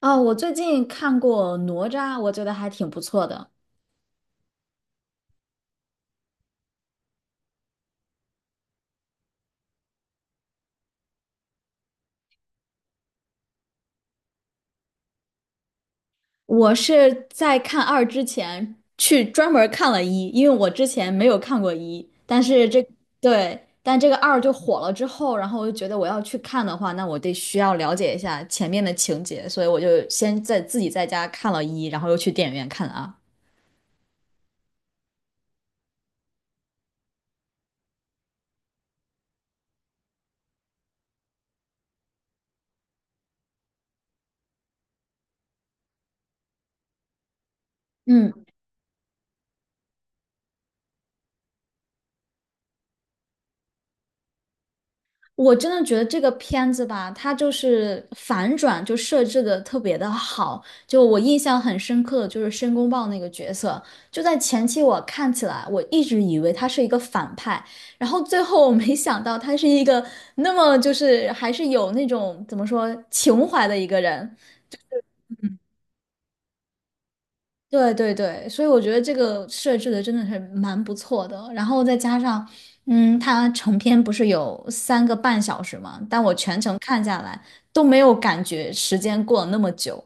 哦，我最近看过《哪吒》，我觉得还挺不错的。我是在看二之前去专门儿看了一，因为我之前没有看过一，但是这，对，但这个二就火了之后，然后我就觉得我要去看的话，那我得需要了解一下前面的情节，所以我就先在自己在家看了一，然后又去电影院看了二。嗯。我真的觉得这个片子吧，它就是反转就设置的特别的好。就我印象很深刻的就是申公豹那个角色，就在前期我看起来我一直以为他是一个反派，然后最后我没想到他是一个那么就是还是有那种怎么说情怀的一个人。对对对，所以我觉得这个设置的真的是蛮不错的。然后再加上，它成片不是有3个半小时嘛，但我全程看下来都没有感觉时间过了那么久。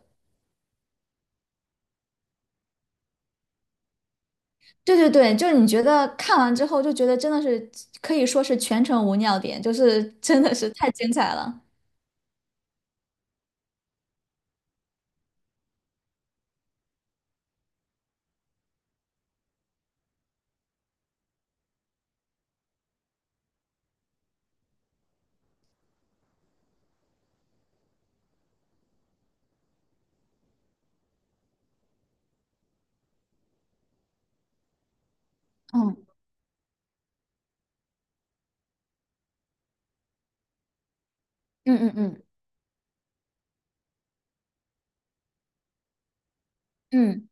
对对对，就是你觉得看完之后就觉得真的是可以说是全程无尿点，就是真的是太精彩了。嗯嗯嗯嗯。嗯。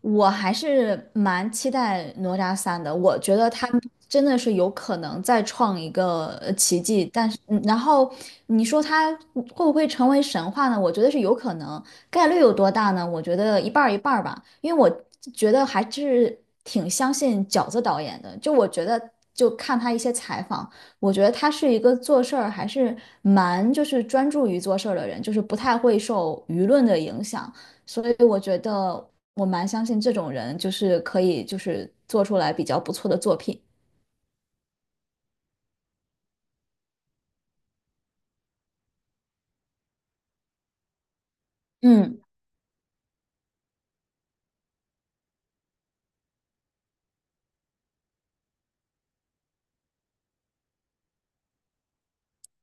我还是蛮期待哪吒三的，我觉得他真的是有可能再创一个奇迹，但是，然后你说他会不会成为神话呢？我觉得是有可能，概率有多大呢？我觉得一半儿一半儿吧，因为我觉得还是挺相信饺子导演的，就我觉得。就看他一些采访，我觉得他是一个做事儿还是蛮就是专注于做事儿的人，就是不太会受舆论的影响。所以我觉得我蛮相信这种人，就是可以就是做出来比较不错的作品。嗯。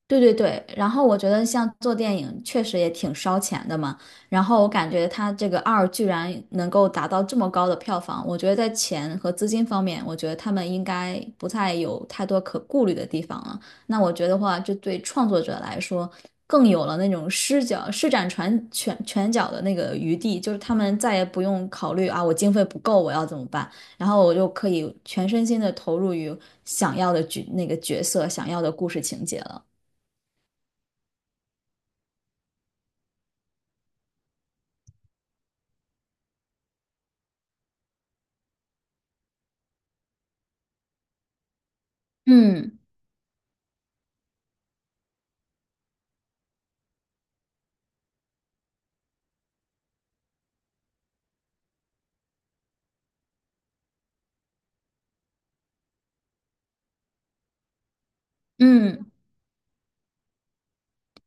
对对对，然后我觉得像做电影确实也挺烧钱的嘛，然后我感觉它这个二居然能够达到这么高的票房，我觉得在钱和资金方面，我觉得他们应该不太有太多可顾虑的地方了。那我觉得话，这对创作者来说更有了那种施展拳脚的那个余地，就是他们再也不用考虑啊，我经费不够，我要怎么办？然后我就可以全身心的投入于想要的那个角色、想要的故事情节了。嗯嗯，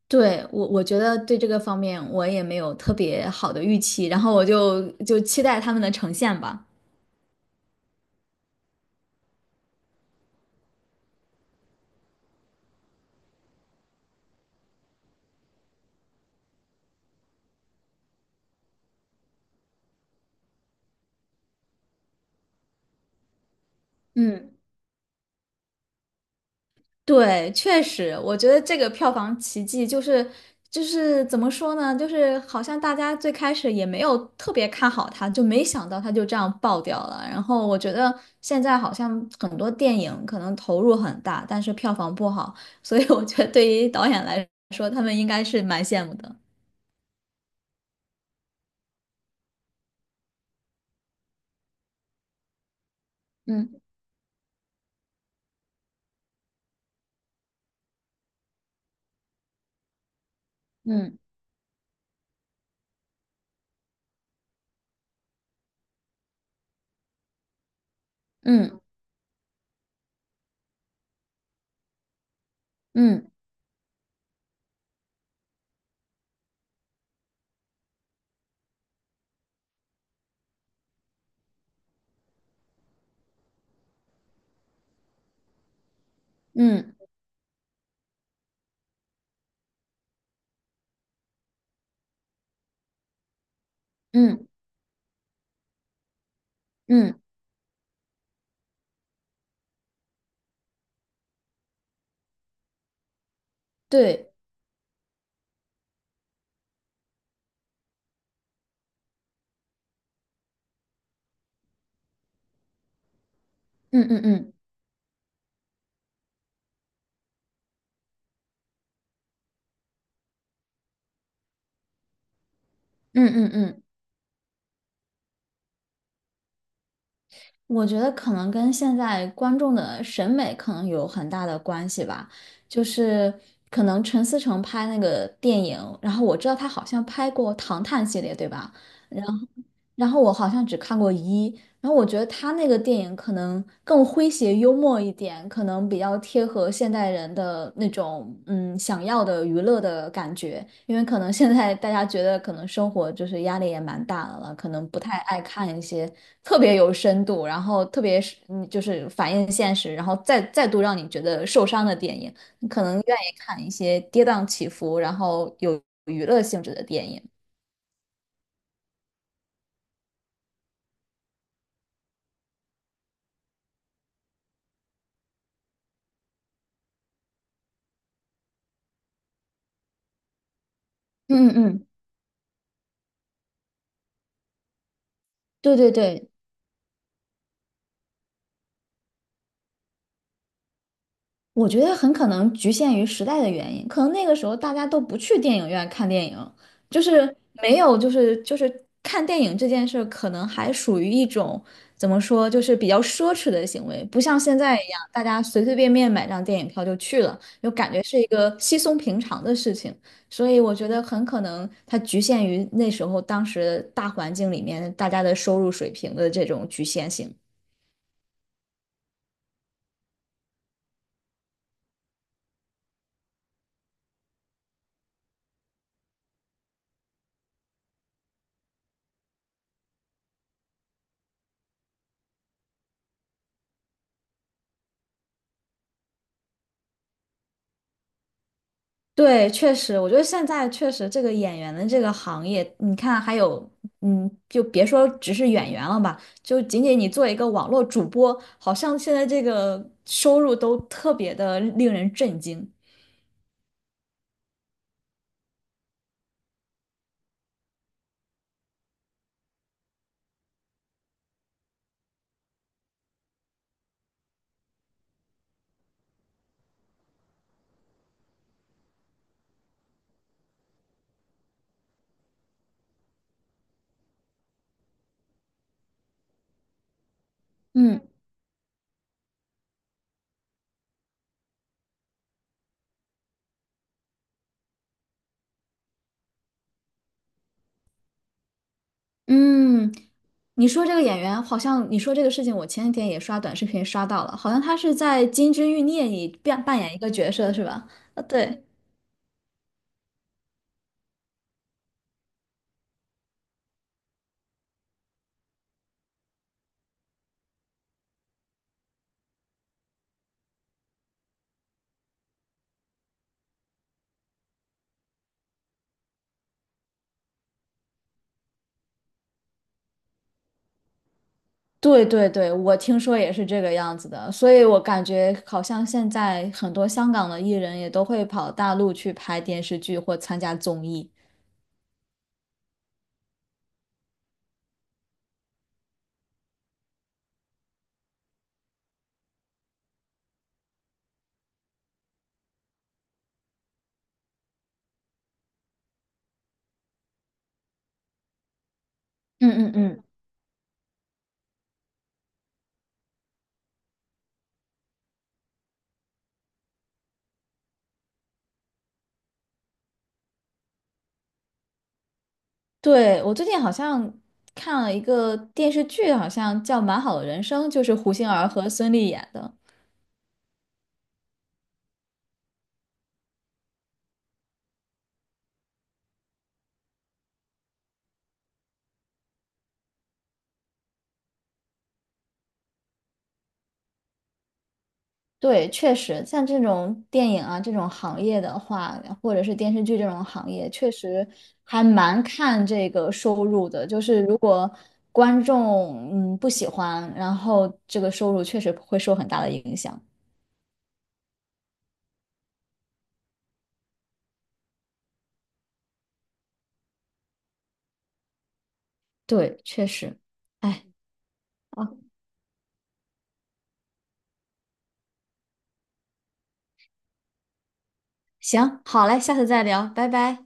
对，我我觉得对这个方面我也没有特别好的预期，然后我就就期待他们的呈现吧。嗯，对，确实，我觉得这个票房奇迹就是怎么说呢，就是好像大家最开始也没有特别看好它，就没想到它就这样爆掉了。然后我觉得现在好像很多电影可能投入很大，但是票房不好，所以我觉得对于导演来说，他们应该是蛮羡慕的。嗯嗯嗯。嗯嗯嗯嗯，对，嗯嗯嗯嗯嗯嗯，我觉得可能跟现在观众的审美可能有很大的关系吧。就是可能陈思诚拍那个电影，然后我知道他好像拍过《唐探》系列，对吧？然后然后我好像只看过一，然后我觉得他那个电影可能更诙谐幽默一点，可能比较贴合现代人的那种想要的娱乐的感觉，因为可能现在大家觉得可能生活就是压力也蛮大的了，可能不太爱看一些特别有深度，然后特别是就是反映现实，然后再度让你觉得受伤的电影，你可能愿意看一些跌宕起伏，然后有娱乐性质的电影。嗯嗯，对对对，我觉得很可能局限于时代的原因，可能那个时候大家都不去电影院看电影，就是没有，就是看电影这件事，可能还属于一种怎么说，就是比较奢侈的行为，不像现在一样，大家随随便便买张电影票就去了，就感觉是一个稀松平常的事情。所以我觉得很可能它局限于那时候当时大环境里面大家的收入水平的这种局限性。对，确实，我觉得现在确实这个演员的这个行业，你看还有，就别说只是演员了吧，就仅仅你做一个网络主播，好像现在这个收入都特别的令人震惊。嗯嗯，你说这个演员，好像你说这个事情，我前几天也刷短视频刷到了，好像他是在《金枝欲孽》里扮演一个角色，是吧？啊，对。对对对，我听说也是这个样子的，所以我感觉好像现在很多香港的艺人也都会跑大陆去拍电视剧或参加综艺。嗯嗯嗯，对，我最近好像看了一个电视剧，好像叫《蛮好的人生》，就是胡杏儿和孙俪演的。对，确实，像这种电影啊这种行业的话，或者是电视剧这种行业，确实还蛮看这个收入的。就是如果观众不喜欢，然后这个收入确实会受很大的影响。对，确实。哎，行，好嘞，下次再聊，拜拜。